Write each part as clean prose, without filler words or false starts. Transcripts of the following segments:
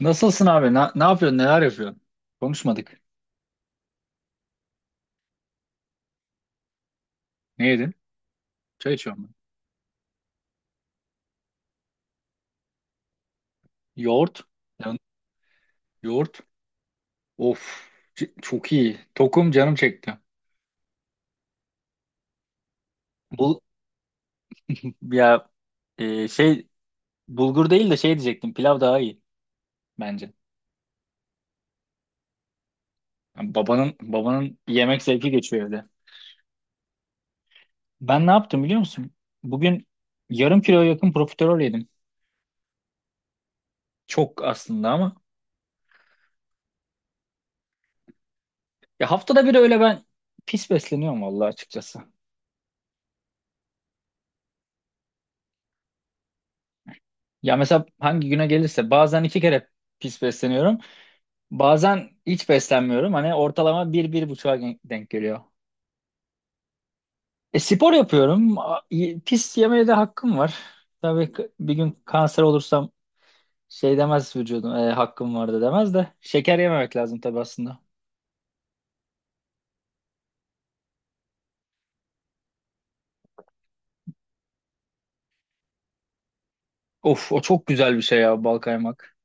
Nasılsın abi? Ne yapıyorsun? Neler yapıyorsun? Konuşmadık. Ne yedin? Çay içiyorum ben. Yoğurt. Ya- Yoğurt. Of. Çok iyi. Tokum canım çekti. Bu ya Şey, bulgur değil de şey diyecektim. Pilav daha iyi bence. Yani babanın yemek zevki geçiyor evde. Ben ne yaptım biliyor musun? Bugün yarım kilo yakın profiterol yedim. Çok aslında ama. Ya haftada bir öyle ben pis besleniyorum vallahi açıkçası. Ya mesela hangi güne gelirse bazen iki kere pis besleniyorum. Bazen hiç beslenmiyorum. Hani ortalama bir, bir buçuğa denk geliyor. Spor yapıyorum. Pis yemeye de hakkım var. Tabii bir gün kanser olursam şey demez vücudum. Hakkım vardı demez de. Şeker yememek lazım tabii aslında. Of, o çok güzel bir şey ya, bal kaymak.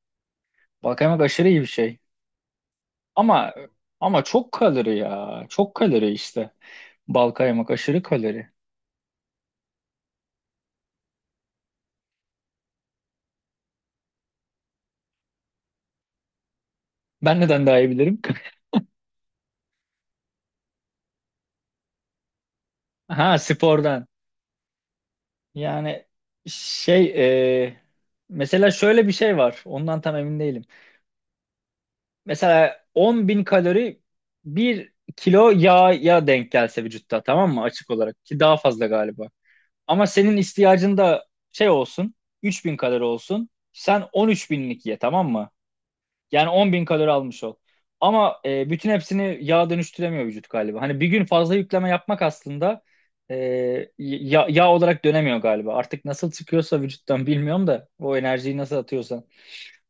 Bal kaymak aşırı iyi bir şey. Ama ama çok kalori ya. Çok kalori işte. Bal kaymak aşırı kalori. Ben neden daha iyi bilirim? Ha, spordan. Yani şey e, mesela şöyle bir şey var. Ondan tam emin değilim. Mesela 10 bin kalori bir kilo yağya denk gelse vücutta, tamam mı? Açık olarak ki daha fazla galiba. Ama senin ihtiyacın da şey olsun, 3000 kalori olsun. Sen 13 binlik ye, tamam mı? Yani 10 bin kalori almış ol. Bütün hepsini yağ dönüştüremiyor vücut galiba. Hani bir gün fazla yükleme yapmak aslında e, yağ olarak dönemiyor galiba. Artık nasıl çıkıyorsa vücuttan bilmiyorum da, o enerjiyi nasıl atıyorsan.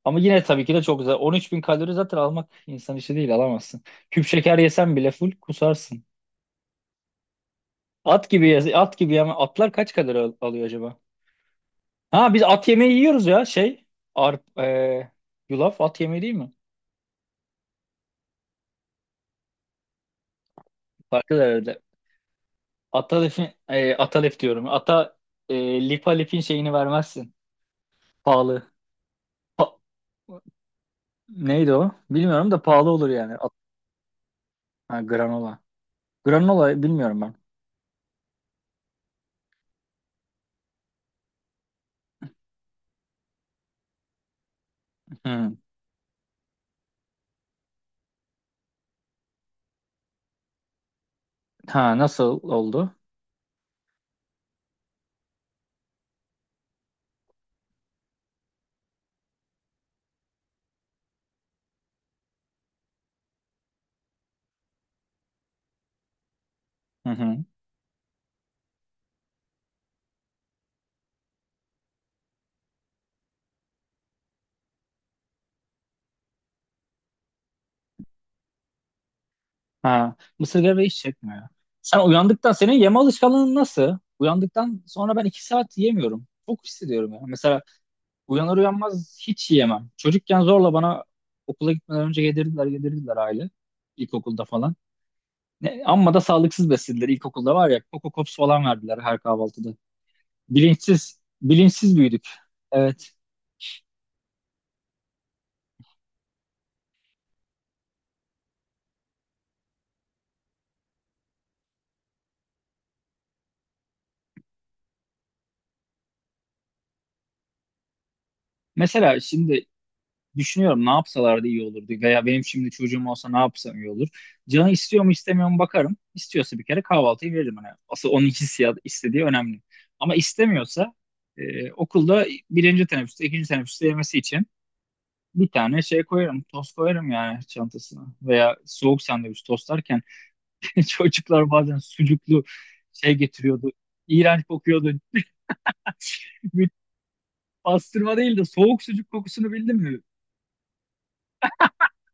Ama yine tabii ki de çok güzel. 13 bin kalori zaten almak insan işi değil, alamazsın. Küp şeker yesen bile full kusarsın. At gibi at gibi yeme. Atlar kaç kalori alıyor acaba? Ha, biz at yemeği yiyoruz ya, şey. Arp, e, Yulaf at yemeği değil mi? Farklı herhalde. Atalef'in, Atalef diyorum. Lipalef'in şeyini vermezsin. Pahalı. Pa- Neydi o? Bilmiyorum da pahalı olur yani. Ha, granola. Granola bilmiyorum ben. Hı. Ha, nasıl oldu? Hı hı. Ha, mısır gevreği hiç çekmiyor. Sen uyandıktan senin yeme alışkanlığın nasıl? Uyandıktan sonra ben iki saat yemiyorum. Çok hissediyorum ya. Mesela uyanır uyanmaz hiç yiyemem. Çocukken zorla bana okula gitmeden önce yedirdiler aile. İlkokulda falan. Ne, amma da sağlıksız beslediler. İlkokulda var ya, Coco Pops falan verdiler her kahvaltıda. Bilinçsiz, bilinçsiz büyüdük. Evet. Mesela şimdi düşünüyorum, ne yapsalardı iyi olurdu veya benim şimdi çocuğum olsa ne yapsam iyi olur. Canı istiyor mu istemiyor mu bakarım. İstiyorsa bir kere kahvaltıyı veririm. Hani asıl onun hissiyat istediği önemli. Ama istemiyorsa, okulda birinci teneffüste, ikinci teneffüste yemesi için bir tane şey koyarım, tost koyarım yani çantasına. Veya soğuk sandviç tostlar. Çocuklar bazen sucuklu şey getiriyordu. İğrenç kokuyordu. Pastırma değil de soğuk sucuk kokusunu bildin mi?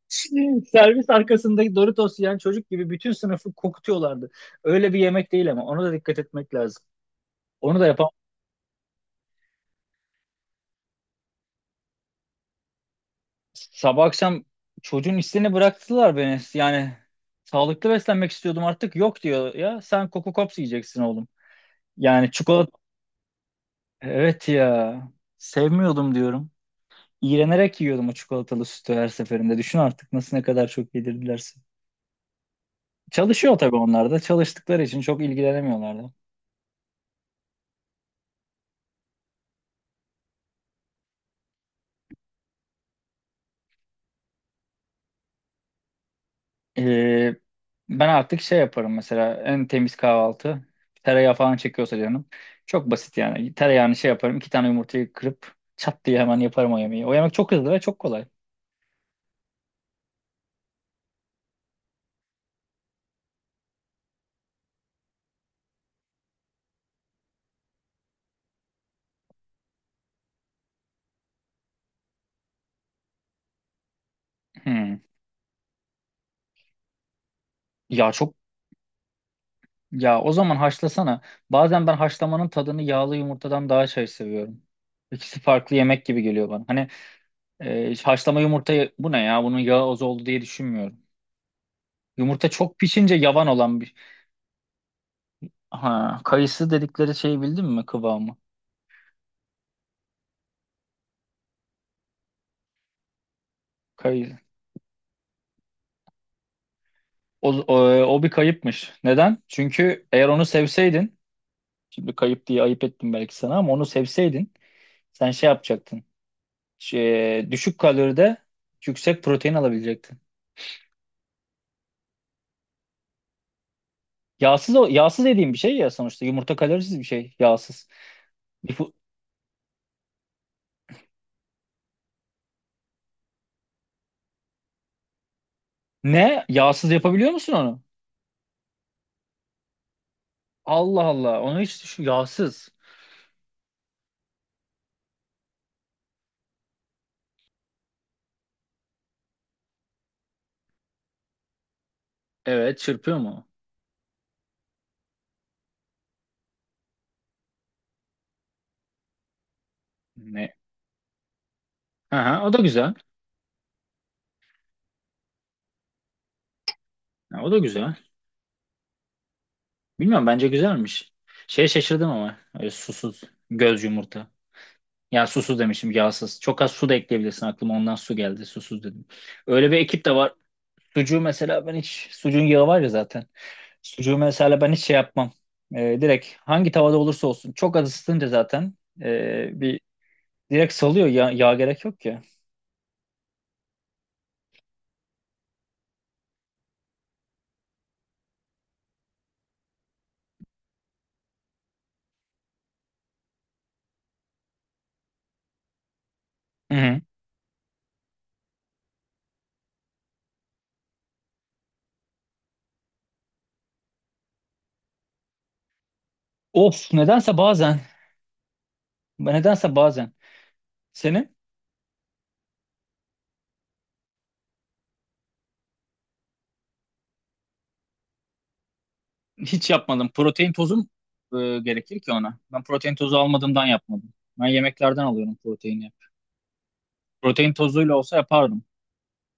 Servis arkasındaki Doritos yiyen çocuk gibi bütün sınıfı kokutuyorlardı. Öyle bir yemek değil ama ona da dikkat etmek lazım. Onu da yapan sabah akşam çocuğun isteğini bıraktılar beni. Yani sağlıklı beslenmek istiyordum, artık yok diyor ya, sen Coco Pops yiyeceksin oğlum. Yani çikolata, evet ya, sevmiyordum diyorum. İğrenerek yiyordum o çikolatalı sütü her seferinde. Düşün artık nasıl, ne kadar çok yedirdilerse. Çalışıyor tabii onlar da. Çalıştıkları için çok ilgilenemiyorlardı. Ee, Ben artık şey yaparım mesela, en temiz kahvaltı. Tereyağı falan çekiyorsa canım. Çok basit yani. Tereyağını şey yaparım. İki tane yumurtayı kırıp çat diye hemen yaparım o yemeği. O yemek çok hızlı ve çok kolay. Hmm. Ya çok Ya o zaman haşlasana. Bazen ben haşlamanın tadını yağlı yumurtadan daha şey seviyorum. İkisi farklı yemek gibi geliyor bana. Hani, haşlama yumurta bu ne ya? Bunun yağı az oldu diye düşünmüyorum. Yumurta çok pişince yavan olan bir... Ha, kayısı dedikleri şeyi bildin mi, kıvamı? Kayı. O, o, O bir kayıpmış. Neden? Çünkü eğer onu sevseydin, şimdi kayıp diye ayıp ettim belki sana, ama onu sevseydin sen şey yapacaktın. Şey, düşük kaloride yüksek protein alabilecektin. Yağsız yağsız dediğim bir şey ya, sonuçta yumurta kalorisiz bir şey, yağsız. Bir fu- Ne? Yağsız yapabiliyor musun onu? Allah Allah. Onu hiç düşün. Yağsız. Evet, çırpıyor mu? Ne? Aha, o da güzel. Ha, o da güzel. Bilmiyorum, bence güzelmiş. Şeye şaşırdım ama, öyle susuz göz yumurta. Ya, susuz demişim, yağsız. Çok az su da ekleyebilirsin, aklıma ondan su geldi susuz dedim. Öyle bir ekip de var. Sucuğu mesela ben hiç, sucuğun yağı var ya zaten. Sucuğu mesela ben hiç şey yapmam. Direkt hangi tavada olursa olsun çok az ısıtınca zaten, bir direkt salıyor ya, yağ gerek yok ya. Hı hı. Of, nedense bazen, nedense bazen senin hiç yapmadım. Protein tozum gerekir ki ona. Ben protein tozu almadığımdan yapmadım. Ben yemeklerden alıyorum proteini. Protein tozuyla olsa yapardım.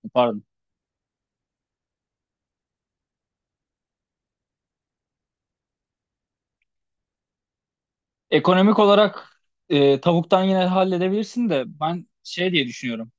Yapardım. Ekonomik olarak tavuktan yine halledebilirsin de, ben şey diye düşünüyorum.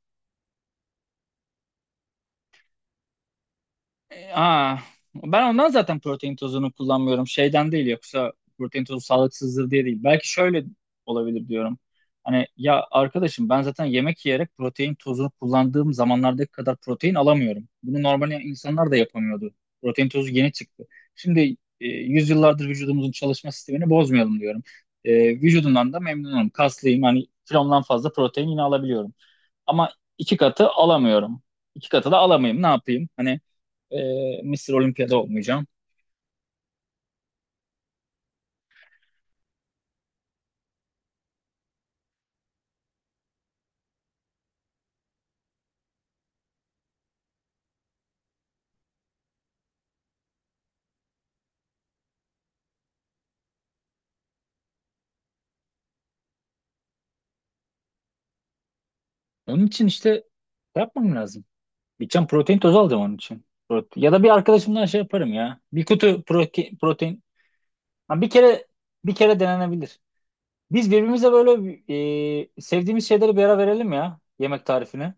Ee, Aa, Ben ondan zaten protein tozunu kullanmıyorum. Şeyden değil, yoksa protein tozu sağlıksızdır diye değil. Belki şöyle olabilir diyorum. Hani ya arkadaşım, ben zaten yemek yiyerek, protein tozunu kullandığım zamanlardaki kadar protein alamıyorum. Bunu normal insanlar da yapamıyordu. Protein tozu yeni çıktı. Şimdi, yüzyıllardır vücudumuzun çalışma sistemini bozmayalım diyorum. E, Vücudumdan da memnunum. Kaslıyım. Hani kilomdan fazla protein yine alabiliyorum. Ama iki katı alamıyorum. İki katı da alamayayım. Ne yapayım? Hani Mısır Olimpiyada olmayacağım. Onun için işte şey yapmam lazım. Gideceğim protein tozu alacağım onun için. Ya da bir arkadaşımdan şey yaparım ya, bir kutu protein. Ha, bir kere denenebilir. Biz birbirimize böyle sevdiğimiz şeyleri bir ara verelim ya, yemek tarifini.